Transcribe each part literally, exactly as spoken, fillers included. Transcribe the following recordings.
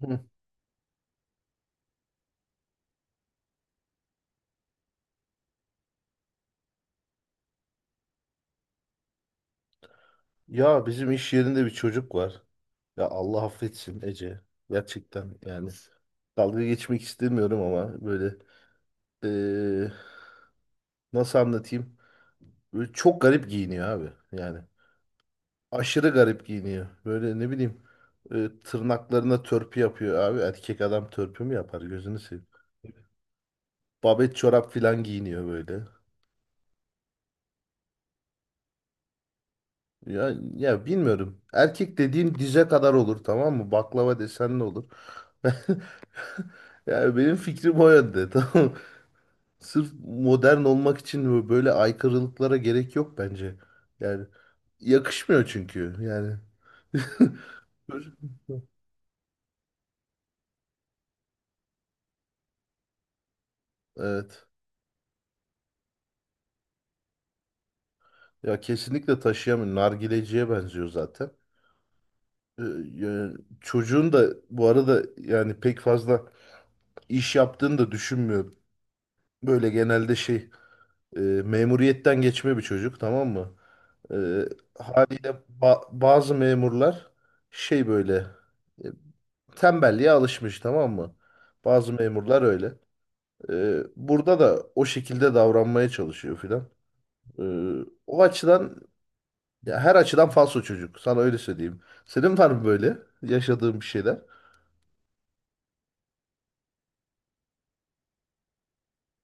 Hı. Ya bizim iş yerinde bir çocuk var. Ya Allah affetsin Ece. Gerçekten yani dalga geçmek istemiyorum ama böyle eee, nasıl anlatayım? Böyle çok garip giyiniyor abi. Yani aşırı garip giyiniyor. Böyle ne bileyim, e, tırnaklarına törpü yapıyor abi. Erkek adam törpü mü yapar gözünü seveyim. Babet çorap filan giyiniyor böyle. Ya, ya bilmiyorum. Erkek dediğin dize kadar olur, tamam mı? Baklava desen ne olur? Yani benim fikrim o yönde. Tamam. Sırf modern olmak için böyle aykırılıklara gerek yok bence. Yani yakışmıyor çünkü. Yani evet. Ya kesinlikle taşıyamıyor. Nargileciye benziyor zaten. Ee, yani çocuğun da bu arada yani pek fazla iş yaptığını da düşünmüyorum. Böyle genelde şey, e, memuriyetten geçme bir çocuk, tamam mı? Ee, haliyle ba- bazı memurlar şey böyle, e, tembelliğe alışmış, tamam mı? Bazı memurlar öyle. Ee, burada da o şekilde davranmaya çalışıyor filan. Ee, o açıdan, ya her açıdan falso çocuk. Sana öyle söyleyeyim. Senin var mı böyle yaşadığın bir şeyler?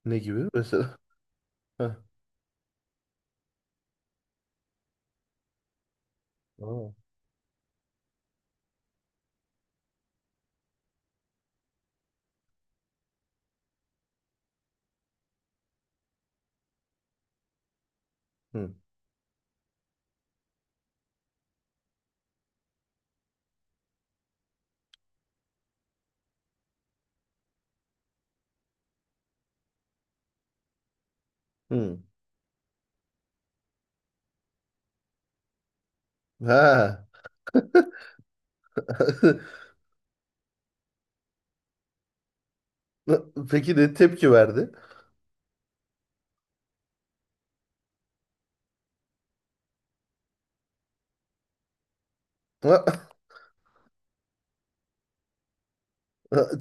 Ne gibi mesela? Heh. Aa. Hı. Hı. Ha. Peki ne tepki verdi?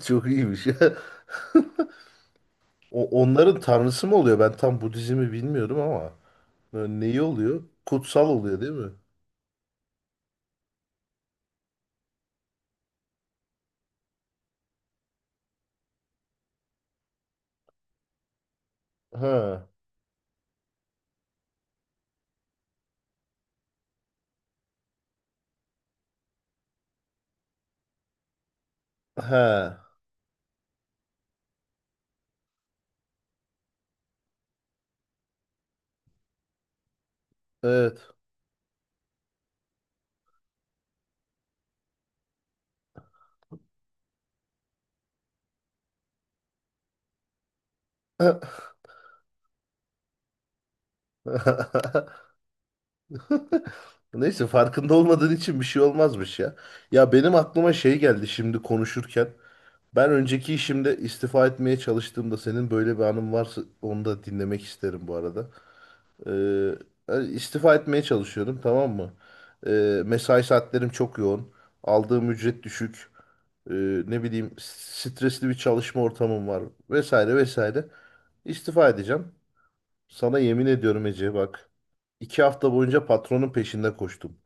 Çok iyiymiş. O, onların tanrısı mı oluyor? Ben tam Budizm'i bilmiyorum ama. Böyle neyi oluyor? Kutsal oluyor değil mi? Ha. Ha. Evet. Neyse farkında olmadığın için bir şey olmazmış ya. Ya benim aklıma şey geldi şimdi konuşurken. Ben önceki işimde istifa etmeye çalıştığımda, senin böyle bir anın varsa onu da dinlemek isterim bu arada. Ee, yani istifa etmeye çalışıyordum, tamam mı? Ee, mesai saatlerim çok yoğun. Aldığım ücret düşük. e, ne bileyim stresli bir çalışma ortamım var, vesaire vesaire. İstifa edeceğim. Sana yemin ediyorum Ece, bak. İki hafta boyunca patronun peşinde koştum.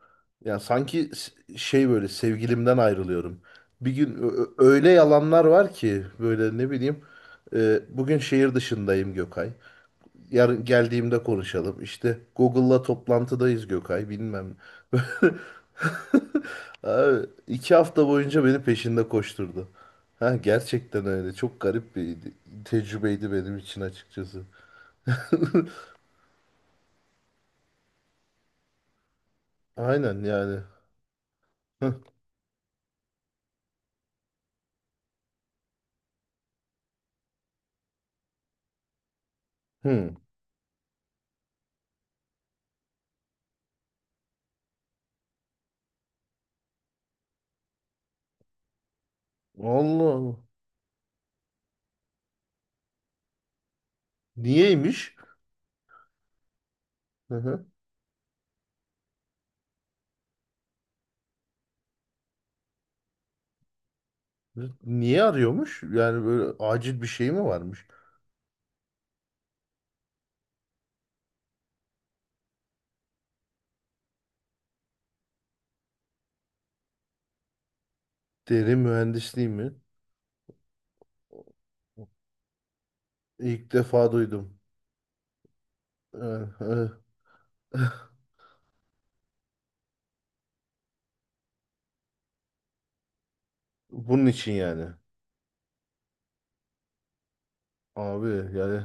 Yani sanki s- şey, böyle sevgilimden ayrılıyorum. Bir gün ö- ö- öyle yalanlar var ki böyle, ne bileyim. e, bugün şehir dışındayım Gökay. Yarın geldiğimde konuşalım. İşte Google'la toplantıdayız Gökay, bilmem. Abi, iki hafta boyunca beni peşinde koşturdu. Ha, gerçekten öyle. Çok garip bir tecrübeydi benim için açıkçası. Aynen yani. Hı. Allah Allah. Niyeymiş? Hı hı. Niye arıyormuş? Yani böyle acil bir şey mi varmış? Derin mühendisliği mi? İlk defa duydum. Ee, e, bunun için yani. Abi yani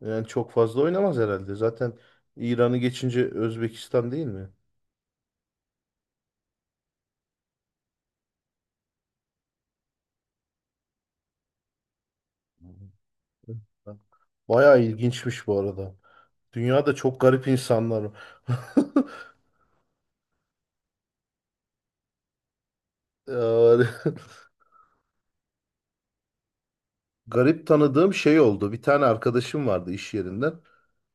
Yani çok fazla oynamaz herhalde. Zaten İran'ı geçince Özbekistan değil mi? Bayağı ilginçmiş bu arada. Dünyada çok garip insanlar var. Yani garip tanıdığım şey oldu. Bir tane arkadaşım vardı iş yerinden.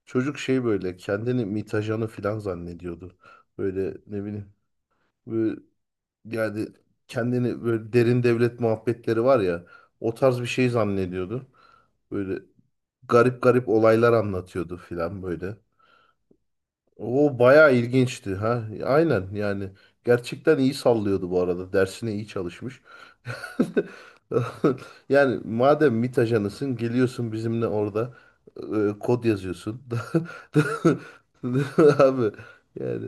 Çocuk şey böyle kendini mitajanı falan zannediyordu. Böyle ne bileyim. Böyle, yani kendini böyle, derin devlet muhabbetleri var ya, o tarz bir şey zannediyordu. Böyle garip garip olaylar anlatıyordu falan böyle. O bayağı ilginçti ha. Aynen yani. Gerçekten iyi sallıyordu bu arada. Dersine iyi çalışmış. Yani madem MİT ajanısın, geliyorsun bizimle orada e, kod yazıyorsun. Abi yani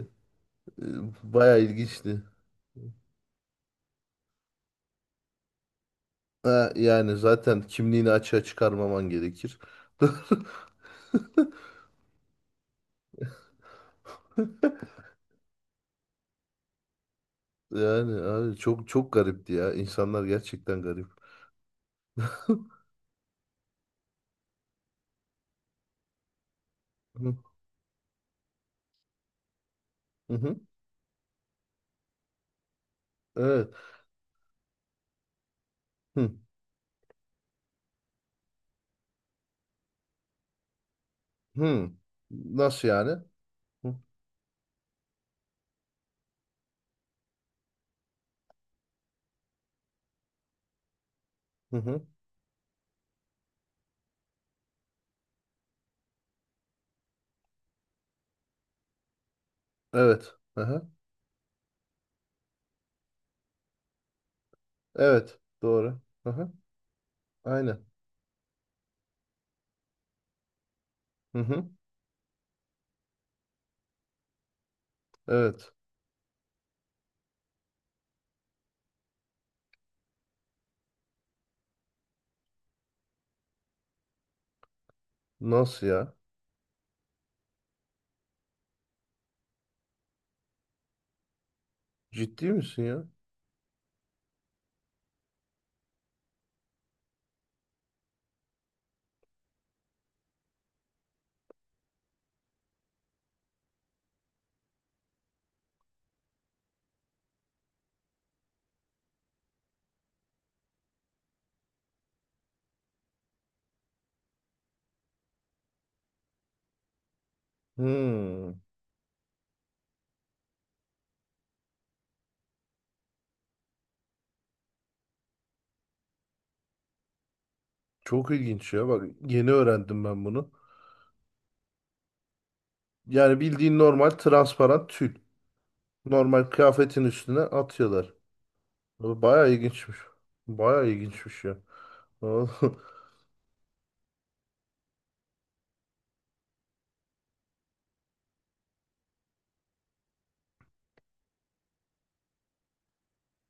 e, bayağı ilginçti. Ha, yani zaten kimliğini açığa çıkarmaman gerekir. Yani abi çok çok garipti ya. İnsanlar gerçekten garip. Hı hı. Hı. Evet. Hı hı. Nasıl yani? Hı. Hı hı. Evet. Hı hı. Evet. Doğru. Hı hı. Aynen. Hı hı. Evet. Nasıl ya? Ciddi misin ya? Hmm. Çok ilginç ya. Bak yeni öğrendim ben bunu. Yani bildiğin normal transparan tül. Normal kıyafetin üstüne atıyorlar. Baya ilginçmiş. Baya ilginçmiş ya. Vallahi-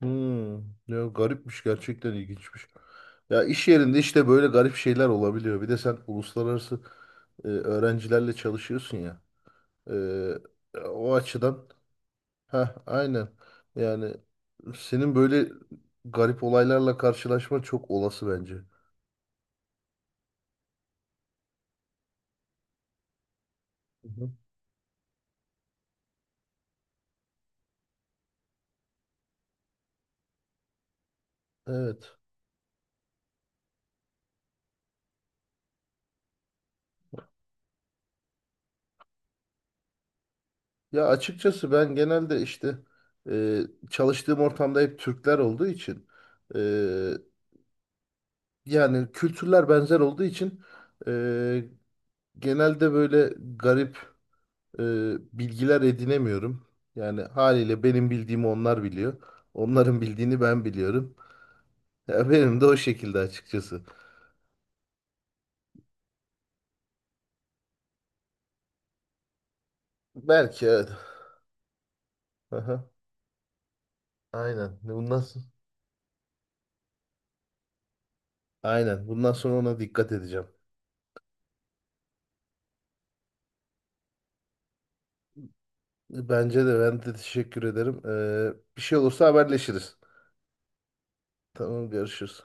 Hmm. Ya garipmiş, gerçekten ilginçmiş. Ya iş yerinde işte böyle garip şeyler olabiliyor. Bir de sen uluslararası e, öğrencilerle çalışıyorsun ya. Ee, o açıdan, ha aynen. Yani senin böyle garip olaylarla karşılaşma çok olası bence. Hı hı. Evet. Ya açıkçası ben genelde işte e, çalıştığım ortamda hep Türkler olduğu için, e, yani kültürler benzer olduğu için, e, genelde böyle garip e, bilgiler edinemiyorum. Yani haliyle benim bildiğimi onlar biliyor. Onların bildiğini ben biliyorum. Ya benim de o şekilde açıkçası. Belki evet. Aha, aynen. Bundan sonra, aynen. Bundan sonra ona dikkat edeceğim. Bence de, ben de teşekkür ederim. Ee, bir şey olursa haberleşiriz. Tamam, görüşürüz.